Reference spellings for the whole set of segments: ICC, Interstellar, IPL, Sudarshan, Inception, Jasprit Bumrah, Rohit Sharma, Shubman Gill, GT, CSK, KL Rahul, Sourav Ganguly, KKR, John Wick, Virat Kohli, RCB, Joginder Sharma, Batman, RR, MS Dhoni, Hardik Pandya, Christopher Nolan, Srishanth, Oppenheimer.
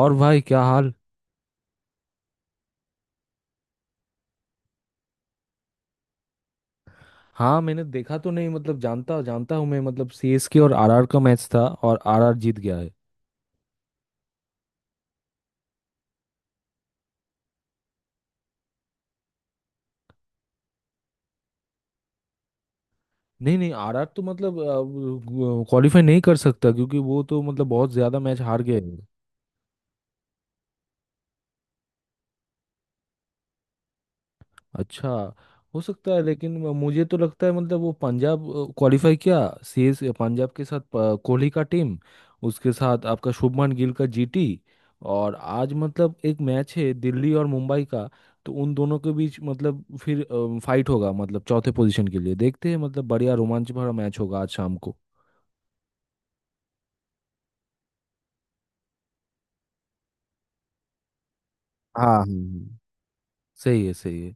और भाई क्या हाल। हाँ, मैंने देखा तो नहीं, मतलब जानता जानता हूँ मैं। मतलब सीएसके और आरआर का मैच था और आरआर जीत गया है। नहीं नहीं, आरआर तो मतलब क्वालिफाई नहीं कर सकता, क्योंकि वो तो मतलब बहुत ज्यादा मैच हार गए। अच्छा, हो सकता है, लेकिन मुझे तो लगता है मतलब वो पंजाब क्वालिफाई किया, सीएस पंजाब के साथ कोहली का टीम, उसके साथ आपका शुभमन गिल का जीटी। और आज मतलब एक मैच है दिल्ली और मुंबई का, तो उन दोनों के बीच मतलब फिर फाइट होगा, मतलब चौथे पोजीशन के लिए। देखते हैं, मतलब बढ़िया रोमांच भरा मैच होगा आज शाम को। हाँ हाँ, हाँ। सही है, सही है।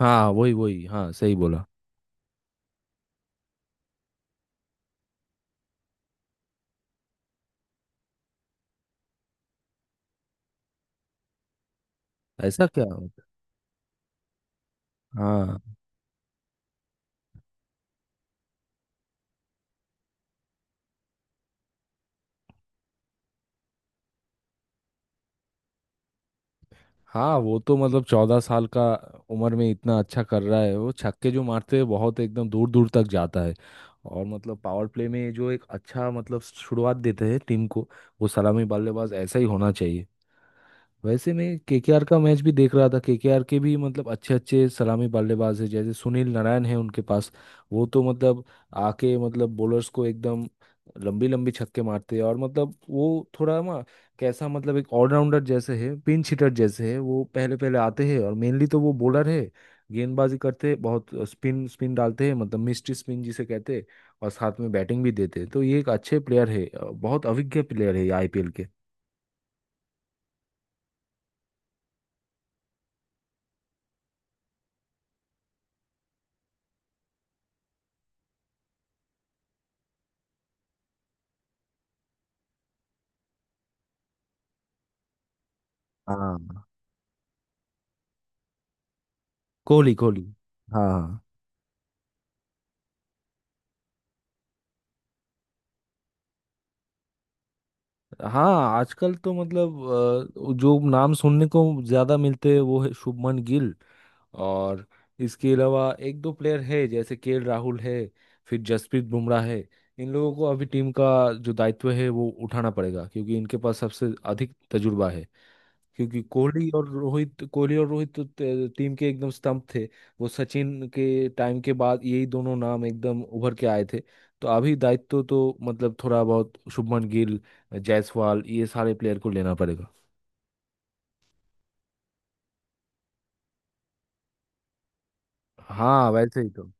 हाँ हाँ, वही वही, हाँ सही बोला। ऐसा क्या होता है? हाँ। हाँ वो तो मतलब 14 साल का उम्र में इतना अच्छा कर रहा है, वो छक्के जो मारते हैं बहुत एकदम दूर दूर तक जाता है। और मतलब पावर प्ले में जो एक अच्छा मतलब शुरुआत देते हैं टीम को, वो सलामी बल्लेबाज ऐसा ही होना चाहिए। वैसे मैं केकेआर का मैच भी देख रहा था, केकेआर के भी मतलब अच्छे अच्छे सलामी बल्लेबाज है, जैसे सुनील नारायण है उनके पास। वो तो मतलब आके मतलब बॉलर्स को एकदम लंबी लंबी छक्के मारते हैं। और मतलब वो थोड़ा ना कैसा, मतलब एक ऑलराउंडर जैसे है, पिंच हिटर जैसे है। वो पहले पहले आते हैं और मेनली तो वो बॉलर है, गेंदबाजी करते हैं, बहुत स्पिन स्पिन डालते हैं, मतलब मिस्ट्री स्पिन जिसे कहते हैं। और साथ में बैटिंग भी देते हैं, तो ये एक अच्छे प्लेयर है, बहुत अभिज्ञ प्लेयर है ये आईपीएल के। हाँ कोहली, कोहली। हाँ हाँ। हाँ आजकल तो मतलब जो नाम सुनने को ज्यादा मिलते हैं वो है शुभमन गिल। और इसके अलावा एक दो प्लेयर है, जैसे केएल राहुल है, फिर जसप्रीत बुमराह है। इन लोगों को अभी टीम का जो दायित्व है वो उठाना पड़ेगा, क्योंकि इनके पास सबसे अधिक तजुर्बा है। क्योंकि कोहली और रोहित तो टीम के एकदम स्तंभ थे। वो सचिन के टाइम के बाद यही दोनों नाम एकदम उभर के आए थे। तो अभी दायित्व तो मतलब थोड़ा बहुत शुभमन गिल, जायसवाल, ये सारे प्लेयर को लेना पड़ेगा। हाँ वैसे ही तो।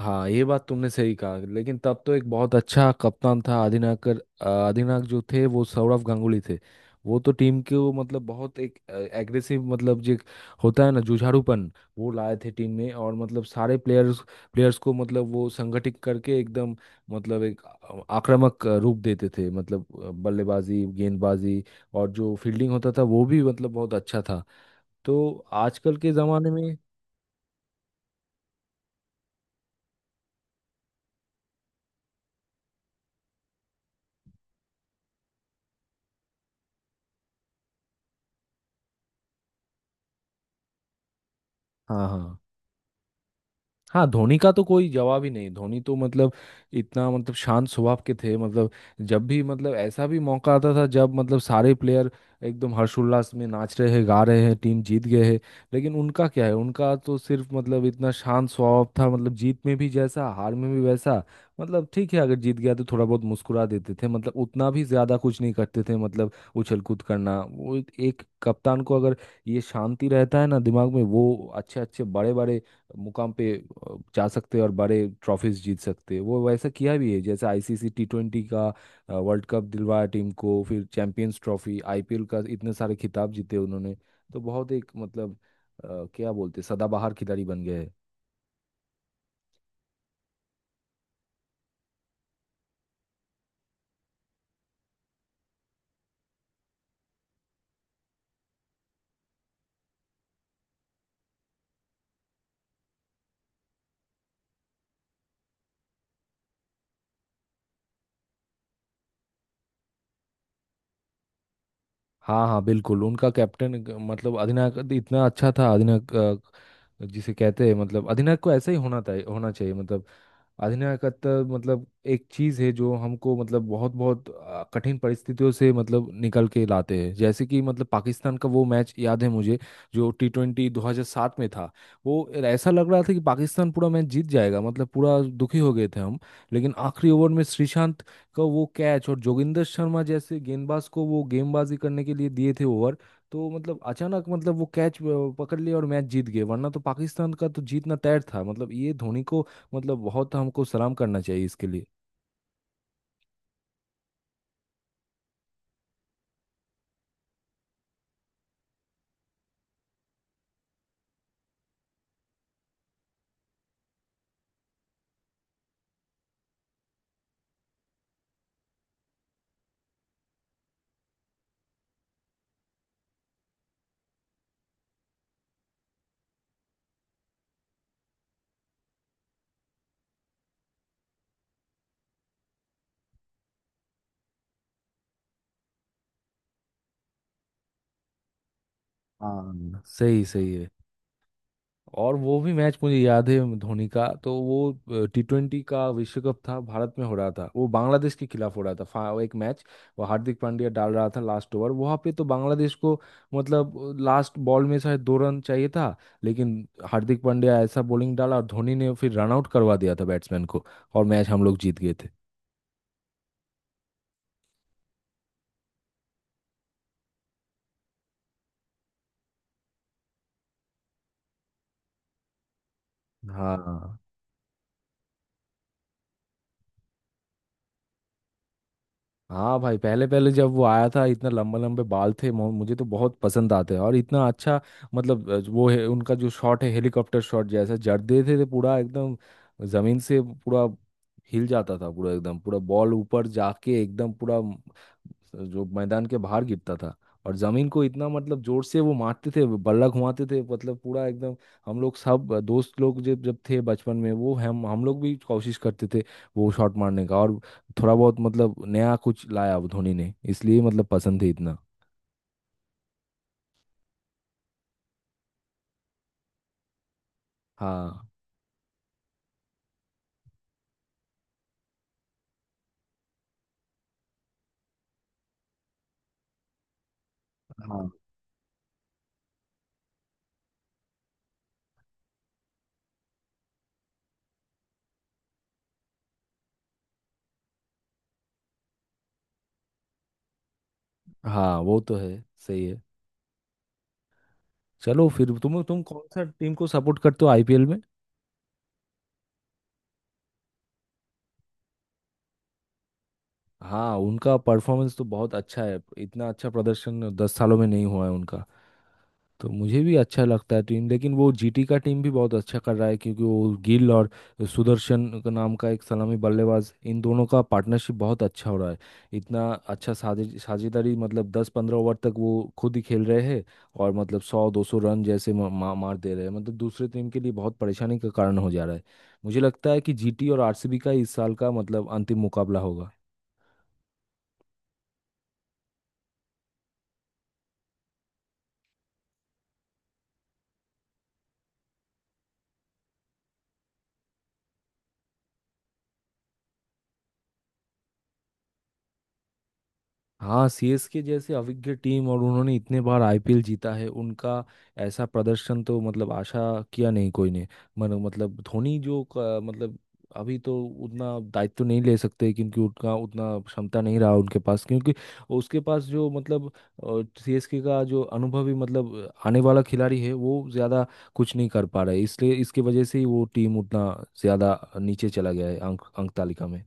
हाँ ये बात तुमने सही कहा, लेकिन तब तो एक बहुत अच्छा कप्तान था। अधिनायकर, अधिनायक जो थे वो सौरव गांगुली थे। वो तो टीम के वो मतलब बहुत एक एग्रेसिव, मतलब जो एक होता है ना जुझारूपन, वो लाए थे टीम में। और मतलब सारे प्लेयर्स प्लेयर्स को मतलब वो संगठित करके एकदम मतलब एक आक्रामक रूप देते थे, मतलब बल्लेबाजी, गेंदबाजी और जो फील्डिंग होता था वो भी मतलब बहुत अच्छा था। तो आजकल के ज़माने में। हाँ हाँ। हाँ धोनी का तो कोई जवाब ही नहीं। धोनी तो मतलब इतना मतलब शांत स्वभाव के थे। मतलब जब भी मतलब ऐसा भी मौका आता था जब मतलब सारे प्लेयर एकदम हर्षोल्लास में नाच रहे हैं, गा रहे हैं, टीम जीत गए हैं, लेकिन उनका क्या है, उनका तो सिर्फ मतलब इतना शांत स्वभाव था, मतलब जीत में भी जैसा हार में भी वैसा। मतलब ठीक है, अगर जीत गया तो थोड़ा बहुत मुस्कुरा देते थे, मतलब उतना भी ज्यादा कुछ नहीं करते थे, मतलब उछल कूद करना। वो एक कप्तान को अगर ये शांति रहता है ना दिमाग में, वो अच्छे अच्छे बड़े बड़े मुकाम पे जा सकते हैं और बड़े ट्रॉफीज जीत सकते हैं। वो वैसा किया भी है, जैसे आईसीसी टी ट्वेंटी का वर्ल्ड कप दिलवाया टीम को, फिर चैंपियंस ट्रॉफी, आईपीएल का, इतने सारे खिताब जीते उन्होंने। तो बहुत एक मतलब अ, क्या बोलते हैं, सदाबहार खिलाड़ी बन गए हैं। हाँ हाँ, बिल्कुल उनका कैप्टन, मतलब अधिनायक इतना अच्छा था। अधिनायक जिसे कहते हैं, मतलब अधिनायक को ऐसा ही होना था, होना चाहिए। मतलब अधिनायकत्व मतलब एक चीज है जो हमको मतलब बहुत बहुत कठिन परिस्थितियों से मतलब निकल के लाते हैं। जैसे कि मतलब पाकिस्तान का वो मैच याद है मुझे, जो टी ट्वेंटी 2007 में था। वो ऐसा लग रहा था कि पाकिस्तान पूरा मैच जीत जाएगा, मतलब पूरा दुखी हो गए थे हम। लेकिन आखिरी ओवर में श्रीशांत का वो कैच, और जोगिंदर शर्मा जैसे गेंदबाज को वो गेंदबाजी करने के लिए दिए थे ओवर, तो मतलब अचानक मतलब वो कैच पकड़ लिया और मैच जीत गए, वरना तो पाकिस्तान का तो जीतना तय था। मतलब ये धोनी को मतलब बहुत हमको सलाम करना चाहिए इसके लिए। हाँ सही, सही है। और वो भी मैच मुझे याद है धोनी का, तो वो टी ट्वेंटी का विश्व कप था, भारत में हो रहा था, वो बांग्लादेश के खिलाफ हो रहा था। वो एक मैच, वो हार्दिक पांड्या डाल रहा था लास्ट ओवर वहां पे, तो बांग्लादेश को मतलब लास्ट बॉल में शायद 2 रन चाहिए था, लेकिन हार्दिक पांड्या ऐसा बॉलिंग डाला और धोनी ने फिर रन आउट करवा दिया था बैट्समैन को, और मैच हम लोग जीत गए थे। हाँ। हाँ भाई पहले पहले जब वो आया था, इतना लंबे लंबे बाल थे, मुझे तो बहुत पसंद आते हैं। और इतना अच्छा मतलब वो है उनका जो शॉट है, हेलीकॉप्टर शॉट जैसा जड़ते थे पूरा एकदम, जमीन से पूरा हिल जाता था पूरा एकदम, पूरा बॉल ऊपर जाके एकदम पूरा जो मैदान के बाहर गिरता था। और जमीन को इतना मतलब जोर से वो मारते थे, बल्ला घुमाते थे, मतलब पूरा एकदम। हम लोग सब दोस्त लोग जब जब थे बचपन में, वो हम लोग भी कोशिश करते थे वो शॉट मारने का। और थोड़ा बहुत मतलब नया कुछ लाया वो धोनी ने, इसलिए मतलब पसंद है इतना। हाँ हाँ। हाँ वो तो है, सही है। चलो फिर, तुम कौन सा टीम को सपोर्ट करते हो आईपीएल में? हाँ उनका परफॉर्मेंस तो बहुत अच्छा है, इतना अच्छा प्रदर्शन 10 सालों में नहीं हुआ है उनका। तो मुझे भी अच्छा लगता है टीम, लेकिन वो जीटी का टीम भी बहुत अच्छा कर रहा है, क्योंकि वो गिल और सुदर्शन का नाम का एक सलामी बल्लेबाज, इन दोनों का पार्टनरशिप बहुत अच्छा हो रहा है। इतना अच्छा साझे साझेदारी, मतलब 10-15 ओवर तक वो खुद ही खेल रहे हैं। और मतलब 100-200 रन जैसे मा, मा, मार दे रहे हैं, मतलब दूसरे टीम के लिए बहुत परेशानी का कारण हो जा रहा है। मुझे लगता है कि जीटी और आरसीबी का इस साल का मतलब अंतिम मुकाबला होगा। हाँ सीएसके जैसे अविज्ञ टीम, और उन्होंने इतने बार आईपीएल जीता है, उनका ऐसा प्रदर्शन तो मतलब आशा किया नहीं कोई ने। मन मतलब धोनी जो मतलब अभी तो उतना दायित्व नहीं ले सकते, क्योंकि उनका उतना क्षमता नहीं रहा उनके पास। क्योंकि उसके पास जो मतलब सीएसके का जो अनुभवी मतलब आने वाला खिलाड़ी है, वो ज़्यादा कुछ नहीं कर पा रहा है, इसलिए इसकी वजह से ही वो टीम उतना ज़्यादा नीचे चला गया है अंक अंक तालिका में।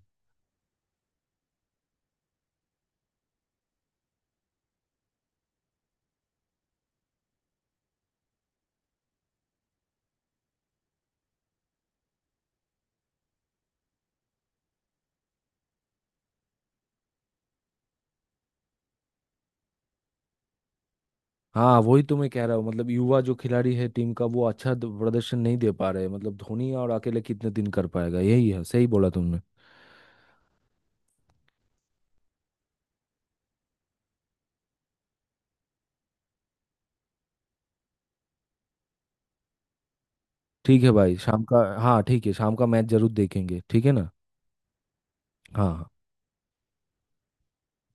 हाँ वही तो मैं कह रहा हूँ, मतलब युवा जो खिलाड़ी है टीम का वो अच्छा प्रदर्शन नहीं दे पा रहे, मतलब धोनी और अकेले कितने दिन कर पाएगा। यही है, सही बोला तुमने। ठीक है भाई, शाम का हाँ, ठीक है, शाम का मैच जरूर देखेंगे, ठीक है ना? हाँ हाँ।